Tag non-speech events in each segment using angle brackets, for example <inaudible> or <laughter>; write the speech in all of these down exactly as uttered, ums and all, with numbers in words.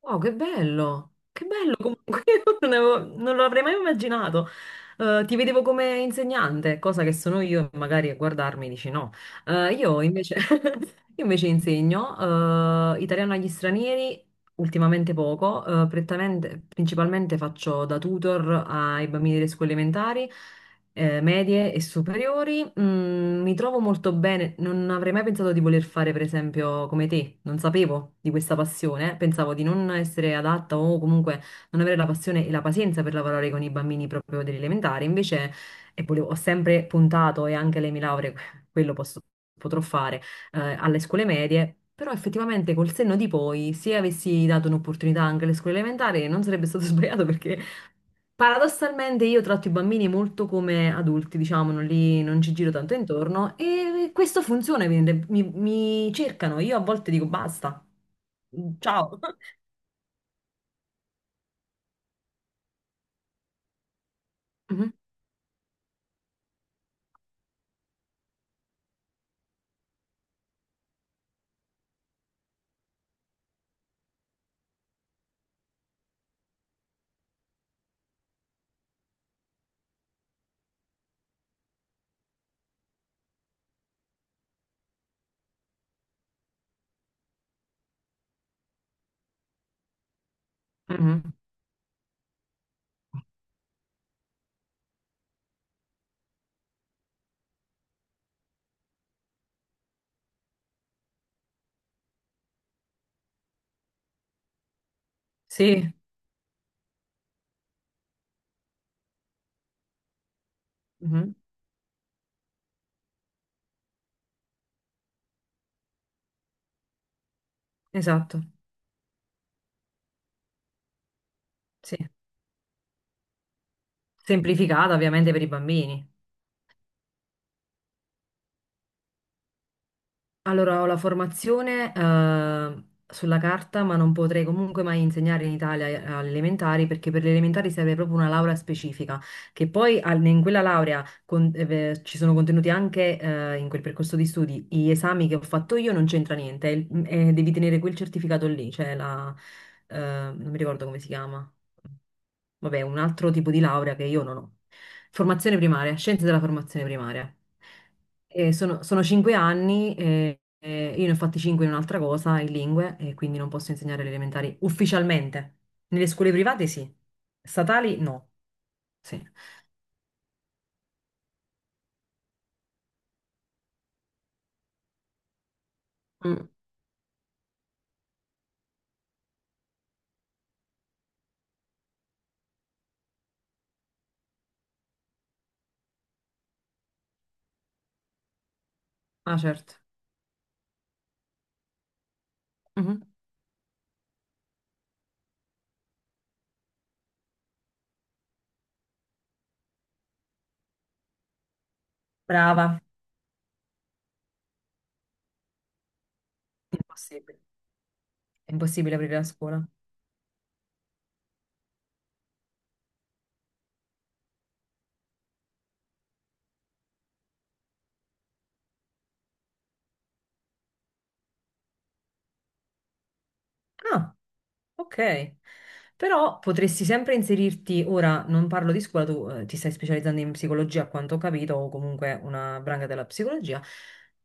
Wow, che bello! Che bello comunque, <laughs> io non avevo- non lo avrei mai immaginato. Eh, ti vedevo come insegnante, cosa che sono io, e magari a guardarmi dici no. Eh, io invece, <laughs> io invece insegno eh, italiano agli stranieri, ultimamente poco, eh, prettamente- principalmente faccio da tutor ai bambini delle scuole elementari, eh, medie e superiori, mm, mi trovo molto bene. Non avrei mai pensato di voler fare, per esempio, come te. Non sapevo di questa passione. Pensavo di non essere adatta o comunque non avere la passione e la pazienza per lavorare con i bambini proprio dell'elementare. Invece, e volevo- ho sempre puntato, e anche le mie lauree, <laughs> quello posso- potrò fare, eh, alle scuole medie. Però effettivamente col senno di poi, se avessi dato un'opportunità anche alle scuole elementari, non sarebbe stato <laughs> sbagliato perché paradossalmente io tratto i bambini molto come adulti, diciamo, non, li- non ci giro tanto intorno e questo funziona, evidente- mi, mi cercano, io a volte dico basta. Mm, ciao. <laughs> Mhm, mhm. Sì, mhm. Esatto, sì. Semplificata ovviamente per i bambini. Allora, ho la formazione eh, sulla carta, ma non potrei comunque mai insegnare in Italia eh, alle elementari perché per le elementari serve proprio una laurea specifica, che poi al- in quella laurea con- eh, ci sono contenuti anche eh, in quel percorso di studi. Gli esami che ho fatto io non c'entra niente, è il- è- devi tenere quel certificato lì, cioè la, eh, non mi ricordo come si chiama. Vabbè, un altro tipo di laurea che io non ho. Formazione primaria, scienze della formazione primaria. E sono, sono cinque anni, e, e io ne ho fatti cinque in un'altra cosa, in lingue, e quindi non posso insegnare le elementari ufficialmente. Nelle scuole private sì, statali no. Sì. Mm. Ah, certo. Mhm. Eh, brava. Impossibile. È impossibile aprire la scuola. Ah. Ok, però potresti sempre inserirti, ora non parlo di scuola, tu eh, ti stai specializzando in psicologia a quanto ho capito, o comunque una branca della psicologia,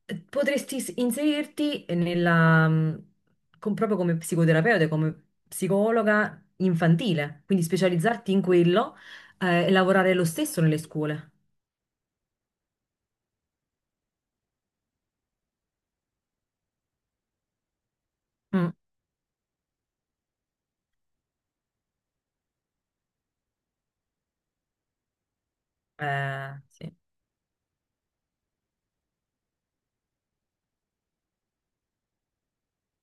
eh, potresti s- inserirti nella, mh, com- proprio come psicoterapeuta, come psicologa infantile, quindi specializzarti in quello eh, e lavorare lo stesso nelle scuole. Mm. Eh, sì.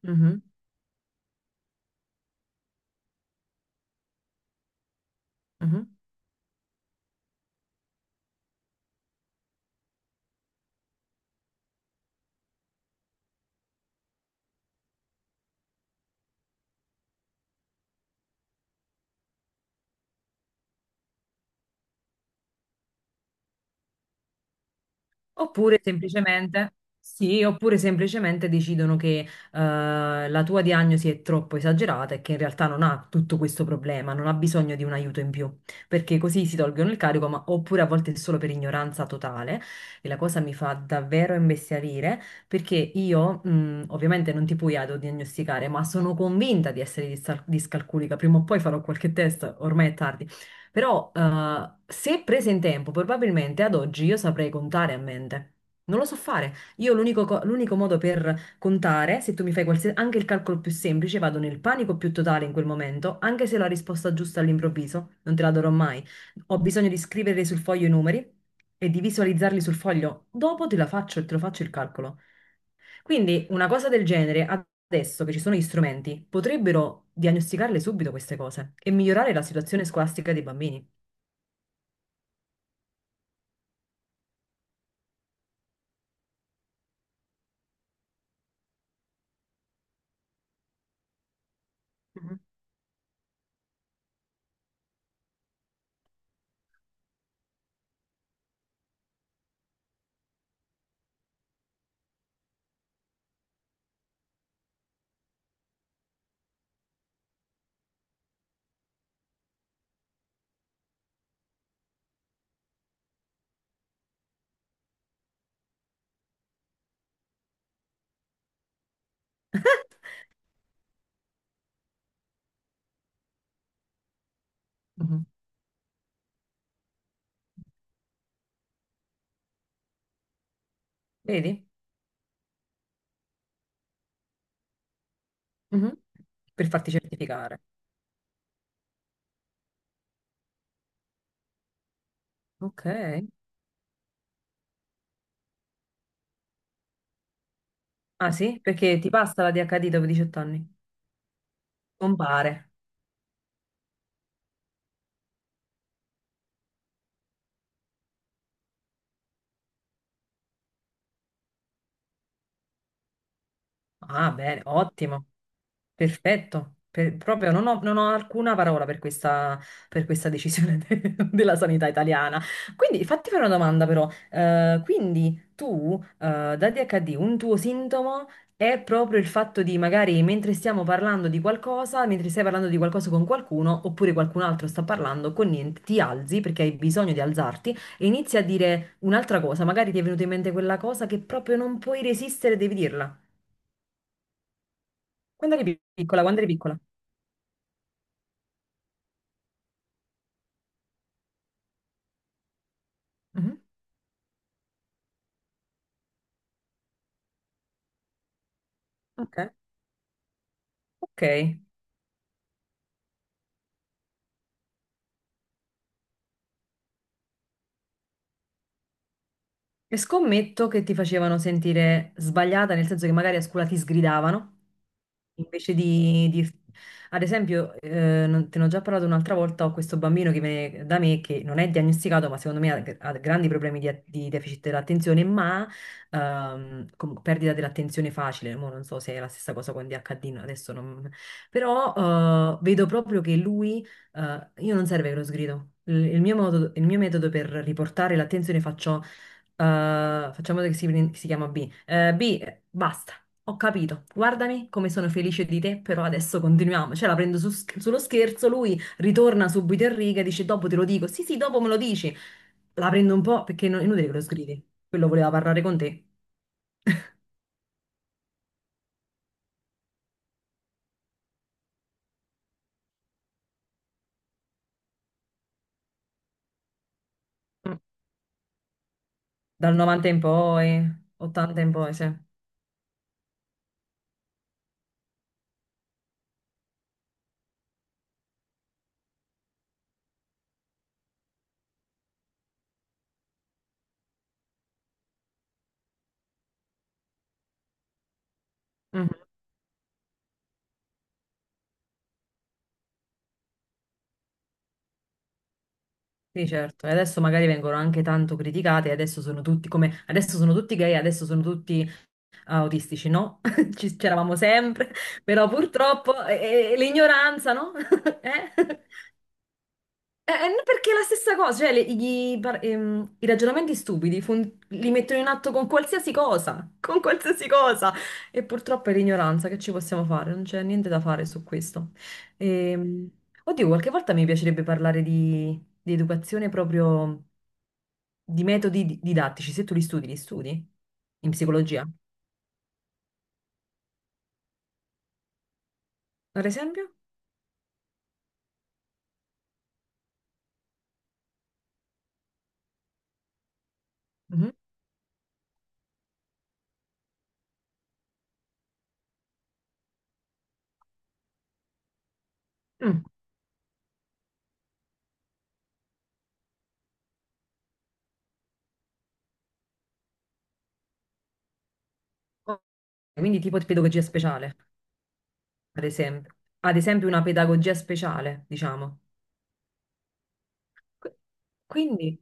Mhm, mhm. Oppure semplicemente, sì, oppure semplicemente decidono che eh, la tua diagnosi è troppo esagerata e che in realtà non ha tutto questo problema, non ha bisogno di un aiuto in più, perché così si tolgono il carico, ma oppure a volte è solo per ignoranza totale e la cosa mi fa davvero imbestialire perché io, mh, ovviamente non ti puoi autodiagnosticare, ma sono convinta di essere discal- discalculica, prima o poi farò qualche test, ormai è tardi. Però eh, se prese in tempo, probabilmente ad oggi io saprei contare a mente. Non lo so fare. Io l'unico co- l'unico modo per contare, se tu mi fai qualsiasi, anche il calcolo più semplice, vado nel panico più totale in quel momento, anche se ho la risposta giusta all'improvviso, non te la darò mai. Ho bisogno di scrivere sul foglio i numeri e di visualizzarli sul foglio. Dopo te la faccio, te lo faccio il calcolo. Quindi una cosa del genere, adesso che ci sono gli strumenti, potrebbero diagnosticarle subito queste cose e migliorare la situazione scolastica dei bambini. Mhm, mhm. Vedi? Mhm. Per farti certificare. Mhm. Ok. Ah sì? Perché ti passa la D H D dopo diciotto anni? Compare. Ah, bene, ottimo, perfetto. Per- proprio non ho, non ho alcuna parola per questa, per questa decisione de- <laughs> della sanità italiana. Quindi fatti fare una domanda però. Eh, quindi tu, eh, da D H D, un tuo sintomo è proprio il fatto di magari mentre stiamo parlando di qualcosa, mentre stai parlando di qualcosa con qualcuno, oppure qualcun altro sta parlando con niente, ti alzi perché hai bisogno di alzarti e inizi a dire un'altra cosa. Magari ti è venuta in mente quella cosa che proprio non puoi resistere, devi dirla. Quando eri piccola, quando eri piccola. Mhm. Ok, ok. E scommetto che ti facevano sentire sbagliata, nel senso che magari a scuola ti sgridavano, invece di dirti... Ad esempio, eh, non- te ne ho già parlato un'altra volta, ho questo bambino che viene da me che non è diagnosticato, ma secondo me ha, ha grandi problemi di, di deficit dell'attenzione, ma ehm, com- perdita dell'attenzione facile. Mo non so se è la stessa cosa con D H D, no, adesso non... Però eh, vedo proprio che lui... eh, io non serve che lo sgrido. Il, il mio modo- il mio metodo per riportare l'attenzione faccio eh, facciamo che si, che si chiama B. Eh, B, eh, basta, ho capito. Guardami come sono felice di te, però adesso continuiamo. Cioè, la prendo su sch- sullo scherzo, lui ritorna subito in riga e dice: Dopo te lo dico. Sì, sì, dopo me lo dici. La prendo un po' perché non- è inutile che lo sgridi. Quello voleva parlare con te. Mm, <laughs> dal novanta in poi, ottanta in poi, sì. Mhm. Sì, certo. E adesso magari vengono anche tanto criticate, adesso sono tutti come adesso sono tutti gay, adesso sono tutti autistici no, <laughs> ci c'eravamo sempre, però purtroppo eh, eh, l'ignoranza, no? <laughs> Eh? Eh, eh, no, perché è la stessa cosa, cioè le- i, i par- ehm, i ragionamenti stupidi fun- li mettono in atto con qualsiasi cosa, con qualsiasi cosa. E purtroppo è l'ignoranza, che ci possiamo fare? Non c'è niente da fare su questo. Ehm, oddio, qualche volta mi piacerebbe parlare di, di educazione proprio di metodi di- didattici. Se tu li studi, li studi? In psicologia, ad esempio? Mm-hmm. Mm, ok. Quindi tipo di pedagogia speciale, ad esempio. Ad esempio una pedagogia speciale, diciamo. Qu- Quindi,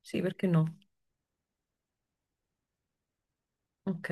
sì, perché no? Ok.